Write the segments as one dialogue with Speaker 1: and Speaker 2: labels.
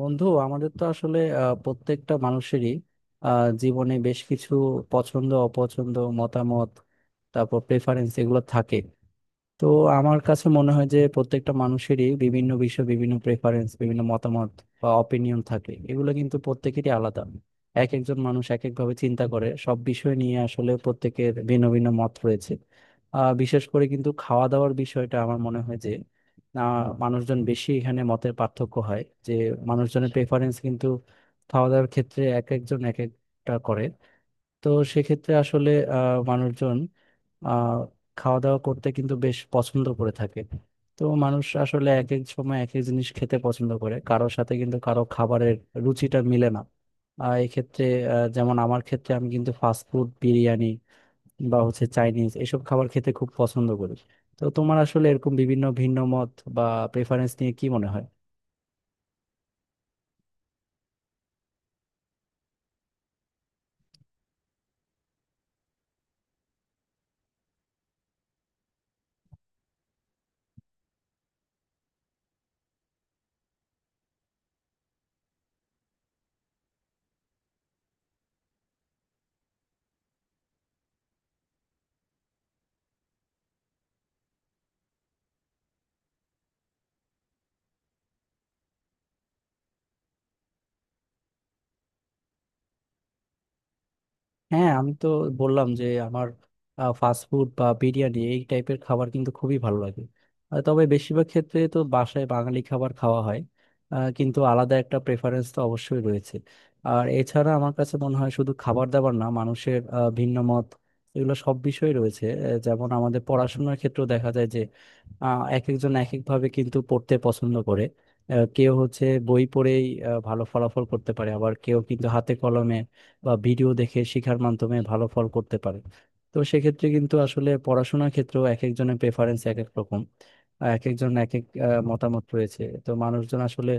Speaker 1: বন্ধু আমাদের তো আসলে প্রত্যেকটা মানুষেরই আহ, জীবনে বেশ কিছু পছন্দ অপছন্দ মতামত তারপর প্রেফারেন্স এগুলো থাকে। তো আমার কাছে মনে হয় যে প্রত্যেকটা মানুষেরই বিভিন্ন বিষয়ে বিভিন্ন প্রেফারেন্স বিভিন্ন মতামত বা অপিনিয়ন থাকে, এগুলো কিন্তু প্রত্যেকেরই আলাদা। এক একজন মানুষ এক একভাবে চিন্তা করে, সব বিষয় নিয়ে আসলে প্রত্যেকের ভিন্ন ভিন্ন মত রয়েছে। বিশেষ করে কিন্তু খাওয়া দাওয়ার বিষয়টা আমার মনে হয় যে মানুষজন বেশি এখানে মতের পার্থক্য হয়, যে মানুষজনের প্রেফারেন্স কিন্তু খাওয়া দাওয়ার ক্ষেত্রে এক একজন এক একটা করে। তো সেক্ষেত্রে আসলে মানুষজন আহ খাওয়া দাওয়া করতে কিন্তু বেশ পছন্দ করে থাকে। তো মানুষ আসলে এক এক সময় এক এক জিনিস খেতে পছন্দ করে, কারোর সাথে কিন্তু কারো খাবারের রুচিটা মিলে না। এক্ষেত্রে যেমন আমার ক্ষেত্রে আমি কিন্তু ফাস্ট ফুড, বিরিয়ানি বা হচ্ছে চাইনিজ এসব খাবার খেতে খুব পছন্দ করি। তো তোমার আসলে এরকম বিভিন্ন ভিন্ন মত বা প্রেফারেন্স নিয়ে কি মনে হয়? হ্যাঁ, আমি তো বললাম যে আমার ফাস্ট ফুড বা বিরিয়ানি এই টাইপের খাবার কিন্তু খুবই ভালো লাগে। তবে বেশিরভাগ ক্ষেত্রে তো বাসায় বাঙালি খাবার খাওয়া হয়। কিন্তু আলাদা একটা প্রেফারেন্স তো অবশ্যই রয়েছে। আর এছাড়া আমার কাছে মনে হয় শুধু খাবার দাবার না, মানুষের ভিন্ন মত এগুলো সব বিষয়ে রয়েছে। যেমন আমাদের পড়াশোনার ক্ষেত্রেও দেখা যায় যে এক একজন এক একভাবে কিন্তু পড়তে পছন্দ করে। কেউ হচ্ছে বই পড়েই ভালো ফলাফল করতে পারে, আবার কেউ কিন্তু হাতে কলমে বা ভিডিও দেখে শেখার মাধ্যমে ভালো ফল করতে পারে। তো সেক্ষেত্রে কিন্তু আসলে পড়াশোনার ক্ষেত্রেও এক একজনের প্রেফারেন্স এক এক রকম, এক একজন এক এক মতামত রয়েছে। তো মানুষজন আসলে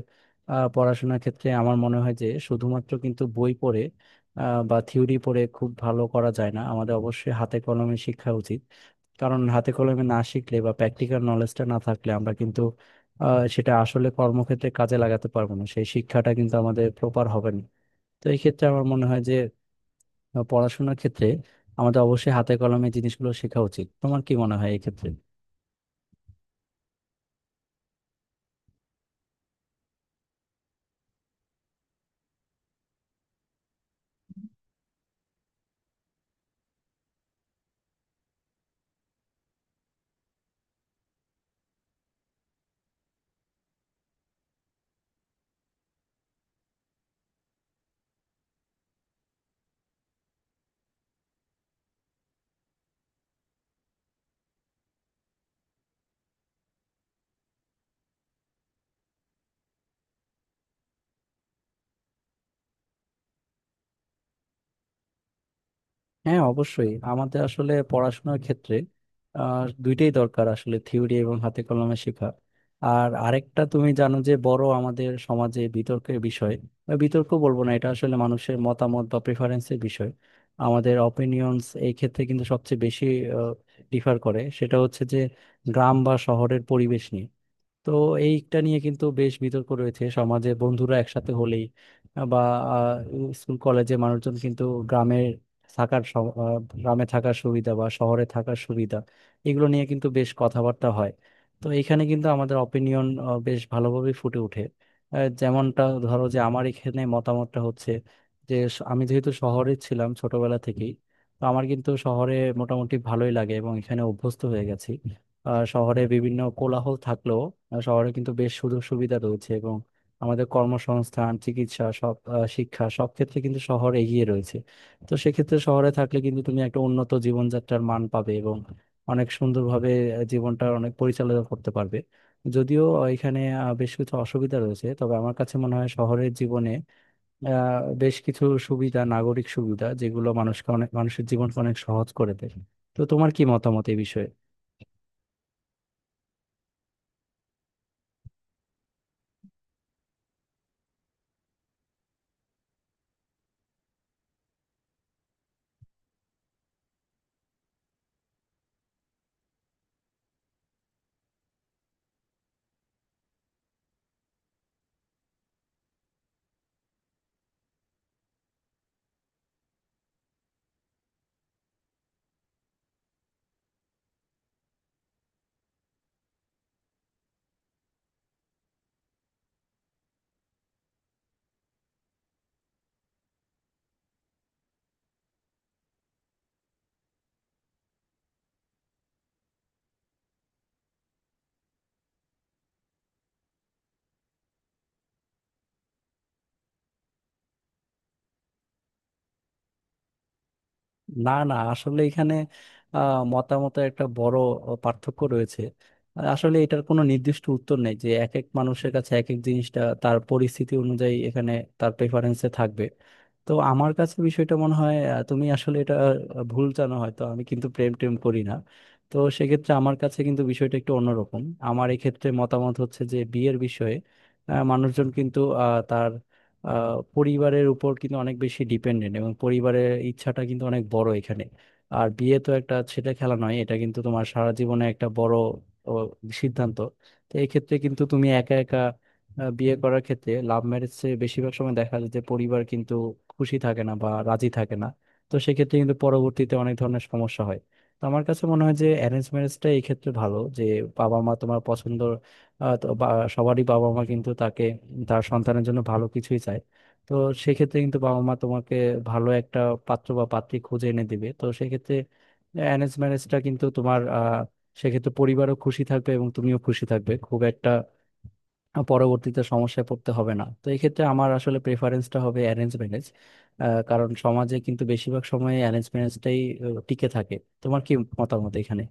Speaker 1: পড়াশোনার ক্ষেত্রে আমার মনে হয় যে শুধুমাত্র কিন্তু বই পড়ে বা থিওরি পড়ে খুব ভালো করা যায় না, আমাদের অবশ্যই হাতে কলমে শিক্ষা উচিত। কারণ হাতে কলমে না শিখলে বা প্র্যাকটিক্যাল নলেজটা না থাকলে আমরা কিন্তু সেটা আসলে কর্মক্ষেত্রে কাজে লাগাতে পারবো না, সেই শিক্ষাটা কিন্তু আমাদের প্রপার হবে না। তো এই ক্ষেত্রে আমার মনে হয় যে বা পড়াশোনার ক্ষেত্রে আমাদের অবশ্যই হাতে কলমে জিনিসগুলো শেখা উচিত। তোমার কি মনে হয় এক্ষেত্রে? হ্যাঁ অবশ্যই, আমাদের আসলে পড়াশোনার ক্ষেত্রে দুইটাই দরকার, আসলে থিওরি এবং হাতে কলমে শেখা। আর আরেকটা তুমি জানো যে বড় আমাদের সমাজে বিতর্কের বিষয়, বা বিতর্ক বলবো না, এটা আসলে মানুষের মতামত বা প্রেফারেন্সের বিষয়, আমাদের অপিনিয়ন্স। এই ক্ষেত্রে কিন্তু সবচেয়ে বেশি ডিফার করে, সেটা হচ্ছে যে গ্রাম বা শহরের পরিবেশ নিয়ে। তো এইটা নিয়ে কিন্তু বেশ বিতর্ক রয়েছে সমাজে, বন্ধুরা একসাথে হলেই আহ, বা আহ, স্কুল কলেজে মানুষজন কিন্তু গ্রামের গ্রামে থাকার সুবিধা বা শহরে থাকার সুবিধা এগুলো নিয়ে কিন্তু বেশ কথাবার্তা হয়। তো এখানে কিন্তু আমাদের অপিনিয়ন বেশ ভালোভাবে ফুটে ওঠে। যেমনটা ধরো যে আমার এখানে মতামতটা হচ্ছে যে আমি যেহেতু শহরে ছিলাম ছোটবেলা থেকেই, তো আমার কিন্তু শহরে মোটামুটি ভালোই লাগে এবং এখানে অভ্যস্ত হয়ে গেছি। শহরে বিভিন্ন কোলাহল থাকলেও শহরে কিন্তু বেশ সুযোগ সুবিধা রয়েছে এবং আমাদের কর্মসংস্থান, চিকিৎসা, সব শিক্ষা, সব ক্ষেত্রে কিন্তু শহর এগিয়ে রয়েছে। তো সেক্ষেত্রে শহরে থাকলে কিন্তু তুমি একটা উন্নত জীবনযাত্রার মান পাবে এবং অনেক সুন্দরভাবে জীবনটা অনেক পরিচালনা করতে পারবে। যদিও এখানে বেশ কিছু অসুবিধা রয়েছে, তবে আমার কাছে মনে হয় শহরের জীবনে বেশ কিছু সুবিধা, নাগরিক সুবিধা যেগুলো মানুষকে অনেক, মানুষের জীবনকে অনেক সহজ করে দেয়। তো তোমার কি মতামত এই বিষয়ে? না না, আসলে এখানে মতামতের একটা বড় পার্থক্য রয়েছে। আসলে এটার কোনো নির্দিষ্ট উত্তর নেই, যে এক এক মানুষের কাছে এক এক জিনিসটা তার পরিস্থিতি অনুযায়ী এখানে তার প্রেফারেন্সে থাকবে। তো আমার কাছে বিষয়টা মনে হয় তুমি আসলে এটা ভুল জানো, হয়তো আমি কিন্তু প্রেম টেম করি না। তো সেক্ষেত্রে আমার কাছে কিন্তু বিষয়টা একটু অন্যরকম। আমার এক্ষেত্রে মতামত হচ্ছে যে বিয়ের বিষয়ে মানুষজন কিন্তু তার পরিবারের উপর কিন্তু অনেক বেশি ডিপেন্ডেন্ট, এবং পরিবারের ইচ্ছাটা কিন্তু অনেক বড় এখানে। আর বিয়ে তো একটা ছেলে খেলা নয়, এটা কিন্তু তোমার সারা জীবনে একটা বড় ও, সিদ্ধান্ত। তো এক্ষেত্রে কিন্তু তুমি একা একা বিয়ে করার ক্ষেত্রে, লাভ ম্যারেজে বেশিরভাগ সময় দেখা যায় যে পরিবার কিন্তু খুশি থাকে না বা রাজি থাকে না। তো সেক্ষেত্রে কিন্তু পরবর্তীতে অনেক ধরনের সমস্যা হয়। তো আমার কাছে মনে হয় যে অ্যারেঞ্জ ম্যারেজটা এই ক্ষেত্রে ভালো, যে বাবা মা তোমার পছন্দ আহ, তো বা- সবারই বাবা মা কিন্তু তাকে, তার সন্তানের জন্য ভালো কিছুই চায়। তো সেক্ষেত্রে কিন্তু বাবা মা তোমাকে ভালো একটা পাত্র বা পাত্রী খুঁজে এনে দিবে। তো সেক্ষেত্রে অ্যারেঞ্জ ম্যারেজটা কিন্তু তোমার সেক্ষেত্রে পরিবারও খুশি থাকবে এবং তুমিও খুশি থাকবে, খুব একটা পরবর্তীতে সমস্যায় পড়তে হবে না। তো এক্ষেত্রে আমার আসলে প্রেফারেন্সটা হবে অ্যারেঞ্জ ম্যারেজ, কারণ সমাজে কিন্তু বেশিরভাগ সময় অ্যারেঞ্জ ম্যারেজটাই টিকে থাকে। তোমার কি মতামত এখানে?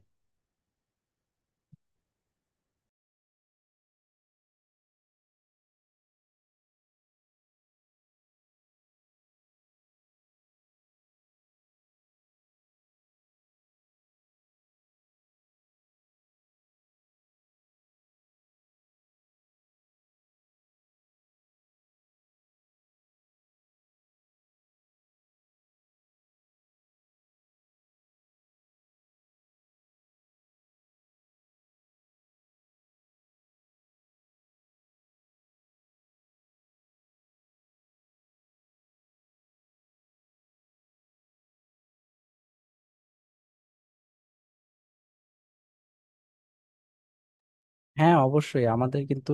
Speaker 1: হ্যাঁ অবশ্যই, আমাদের কিন্তু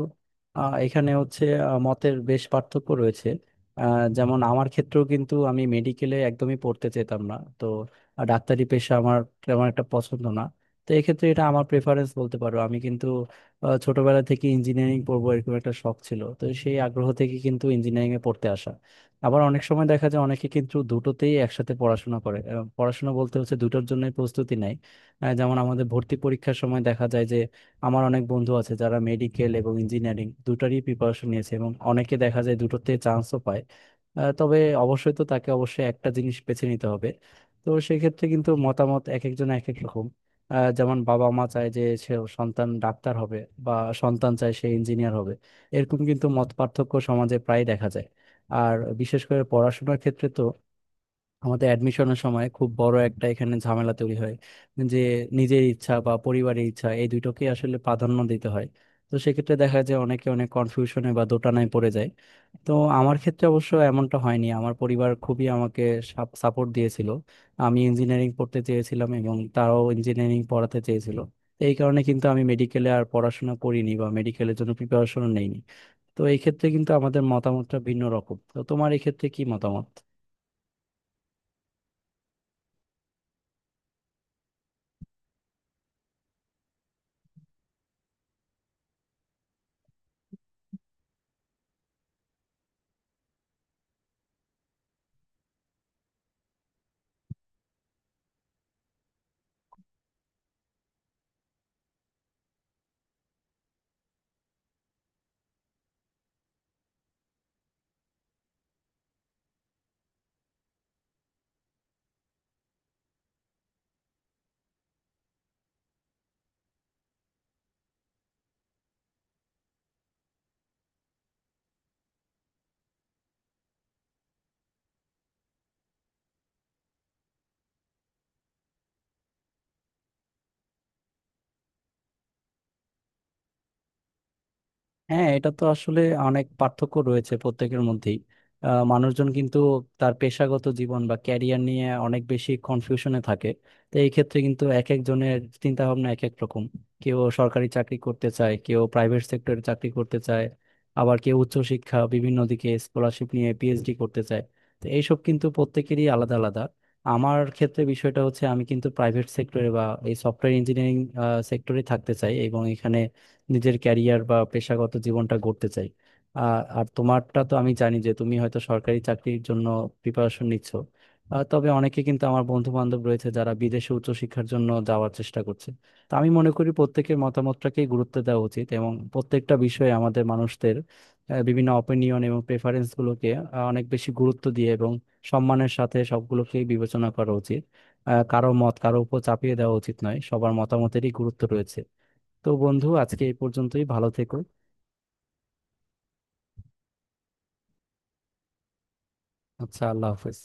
Speaker 1: এখানে হচ্ছে মতের বেশ পার্থক্য রয়েছে। আহ, যেমন আমার ক্ষেত্রেও কিন্তু আমি মেডিকেলে একদমই পড়তে চেতাম না। তো ডাক্তারি পেশা আমার তেমন একটা পছন্দ না। তো এক্ষেত্রে এটা আমার প্রেফারেন্স বলতে পারো, আমি কিন্তু ছোটবেলা থেকে ইঞ্জিনিয়ারিং পড়বো এরকম একটা শখ ছিল। তো সেই আগ্রহ থেকে কিন্তু ইঞ্জিনিয়ারিং এ পড়তে আসা। আবার অনেক সময় দেখা যায় অনেকে কিন্তু দুটোতেই একসাথে পড়াশোনা করে, পড়াশোনা বলতে হচ্ছে দুটোর জন্য প্রস্তুতি নেয়। যেমন আমাদের ভর্তি পরীক্ষার সময় দেখা যায় যে আমার অনেক বন্ধু আছে যারা মেডিকেল এবং ইঞ্জিনিয়ারিং দুটারই প্রিপারেশন নিয়েছে, এবং অনেকে দেখা যায় দুটোতে চান্সও পায়। তবে অবশ্যই তো তাকে অবশ্যই একটা জিনিস বেছে নিতে হবে। তো সেক্ষেত্রে কিন্তু মতামত এক একজন এক এক রকম। যেমন বাবা মা চায় যে সে সন্তান ডাক্তার হবে, বা সন্তান চায় সে ইঞ্জিনিয়ার হবে। এরকম কিন্তু মত পার্থক্য সমাজে প্রায় দেখা যায়। আর বিশেষ করে পড়াশোনার ক্ষেত্রে তো আমাদের অ্যাডমিশনের সময় খুব বড় একটা এখানে ঝামেলা তৈরি হয়, যে নিজের ইচ্ছা বা পরিবারের ইচ্ছা এই দুটোকে আসলে প্রাধান্য দিতে হয়। তো সেক্ষেত্রে দেখা যায় অনেকে অনেক কনফিউশনে বা দোটানায় পড়ে যায়। তো আমার ক্ষেত্রে অবশ্য এমনটা হয়নি, আমার পরিবার খুবই আমাকে সাপোর্ট দিয়েছিল। আমি ইঞ্জিনিয়ারিং পড়তে চেয়েছিলাম এবং তারাও ইঞ্জিনিয়ারিং পড়াতে চেয়েছিল। তো এই কারণে কিন্তু আমি মেডিকেলে আর পড়াশোনা করিনি বা মেডিকেলের জন্য প্রিপারেশন নেইনি। তো এই ক্ষেত্রে কিন্তু আমাদের মতামতটা ভিন্ন রকম। তো তোমার এই ক্ষেত্রে কি মতামত? হ্যাঁ এটা তো আসলে অনেক পার্থক্য রয়েছে প্রত্যেকের মধ্যেই। মানুষজন কিন্তু তার পেশাগত জীবন বা ক্যারিয়ার নিয়ে অনেক বেশি কনফিউশনে থাকে। তো এই ক্ষেত্রে কিন্তু এক একজনের চিন্তা ভাবনা এক এক রকম। কেউ সরকারি চাকরি করতে চায়, কেউ প্রাইভেট সেক্টরে চাকরি করতে চায়, আবার কেউ উচ্চশিক্ষা বিভিন্ন দিকে স্কলারশিপ নিয়ে পিএইচডি করতে চায়। তো এইসব কিন্তু প্রত্যেকেরই আলাদা আলাদা। আমার ক্ষেত্রে বিষয়টা হচ্ছে আমি কিন্তু প্রাইভেট সেক্টরে বা এই সফটওয়্যার ইঞ্জিনিয়ারিং সেক্টরে থাকতে চাই, এবং এখানে নিজের ক্যারিয়ার বা পেশাগত জীবনটা গড়তে চাই। আর আর তোমারটা তো আমি জানি যে তুমি হয়তো সরকারি চাকরির জন্য প্রিপারেশন নিচ্ছ। তবে অনেকে কিন্তু আমার বন্ধু বান্ধব রয়েছে যারা বিদেশে উচ্চশিক্ষার জন্য যাওয়ার চেষ্টা করছে। তো আমি মনে করি প্রত্যেকের মতামতটাকেই গুরুত্ব দেওয়া উচিত, এবং প্রত্যেকটা বিষয়ে আমাদের মানুষদের বিভিন্ন অপিনিয়ন এবং প্রেফারেন্স গুলোকে অনেক বেশি গুরুত্ব দিয়ে এবং সম্মানের সাথে সবগুলোকেই বিবেচনা করা উচিত। কারো মত কারো উপর চাপিয়ে দেওয়া উচিত নয়, সবার মতামতেরই গুরুত্ব রয়েছে। তো বন্ধু, আজকে এই পর্যন্তই, ভালো থেকো। আচ্ছা, আল্লাহ হাফেজ।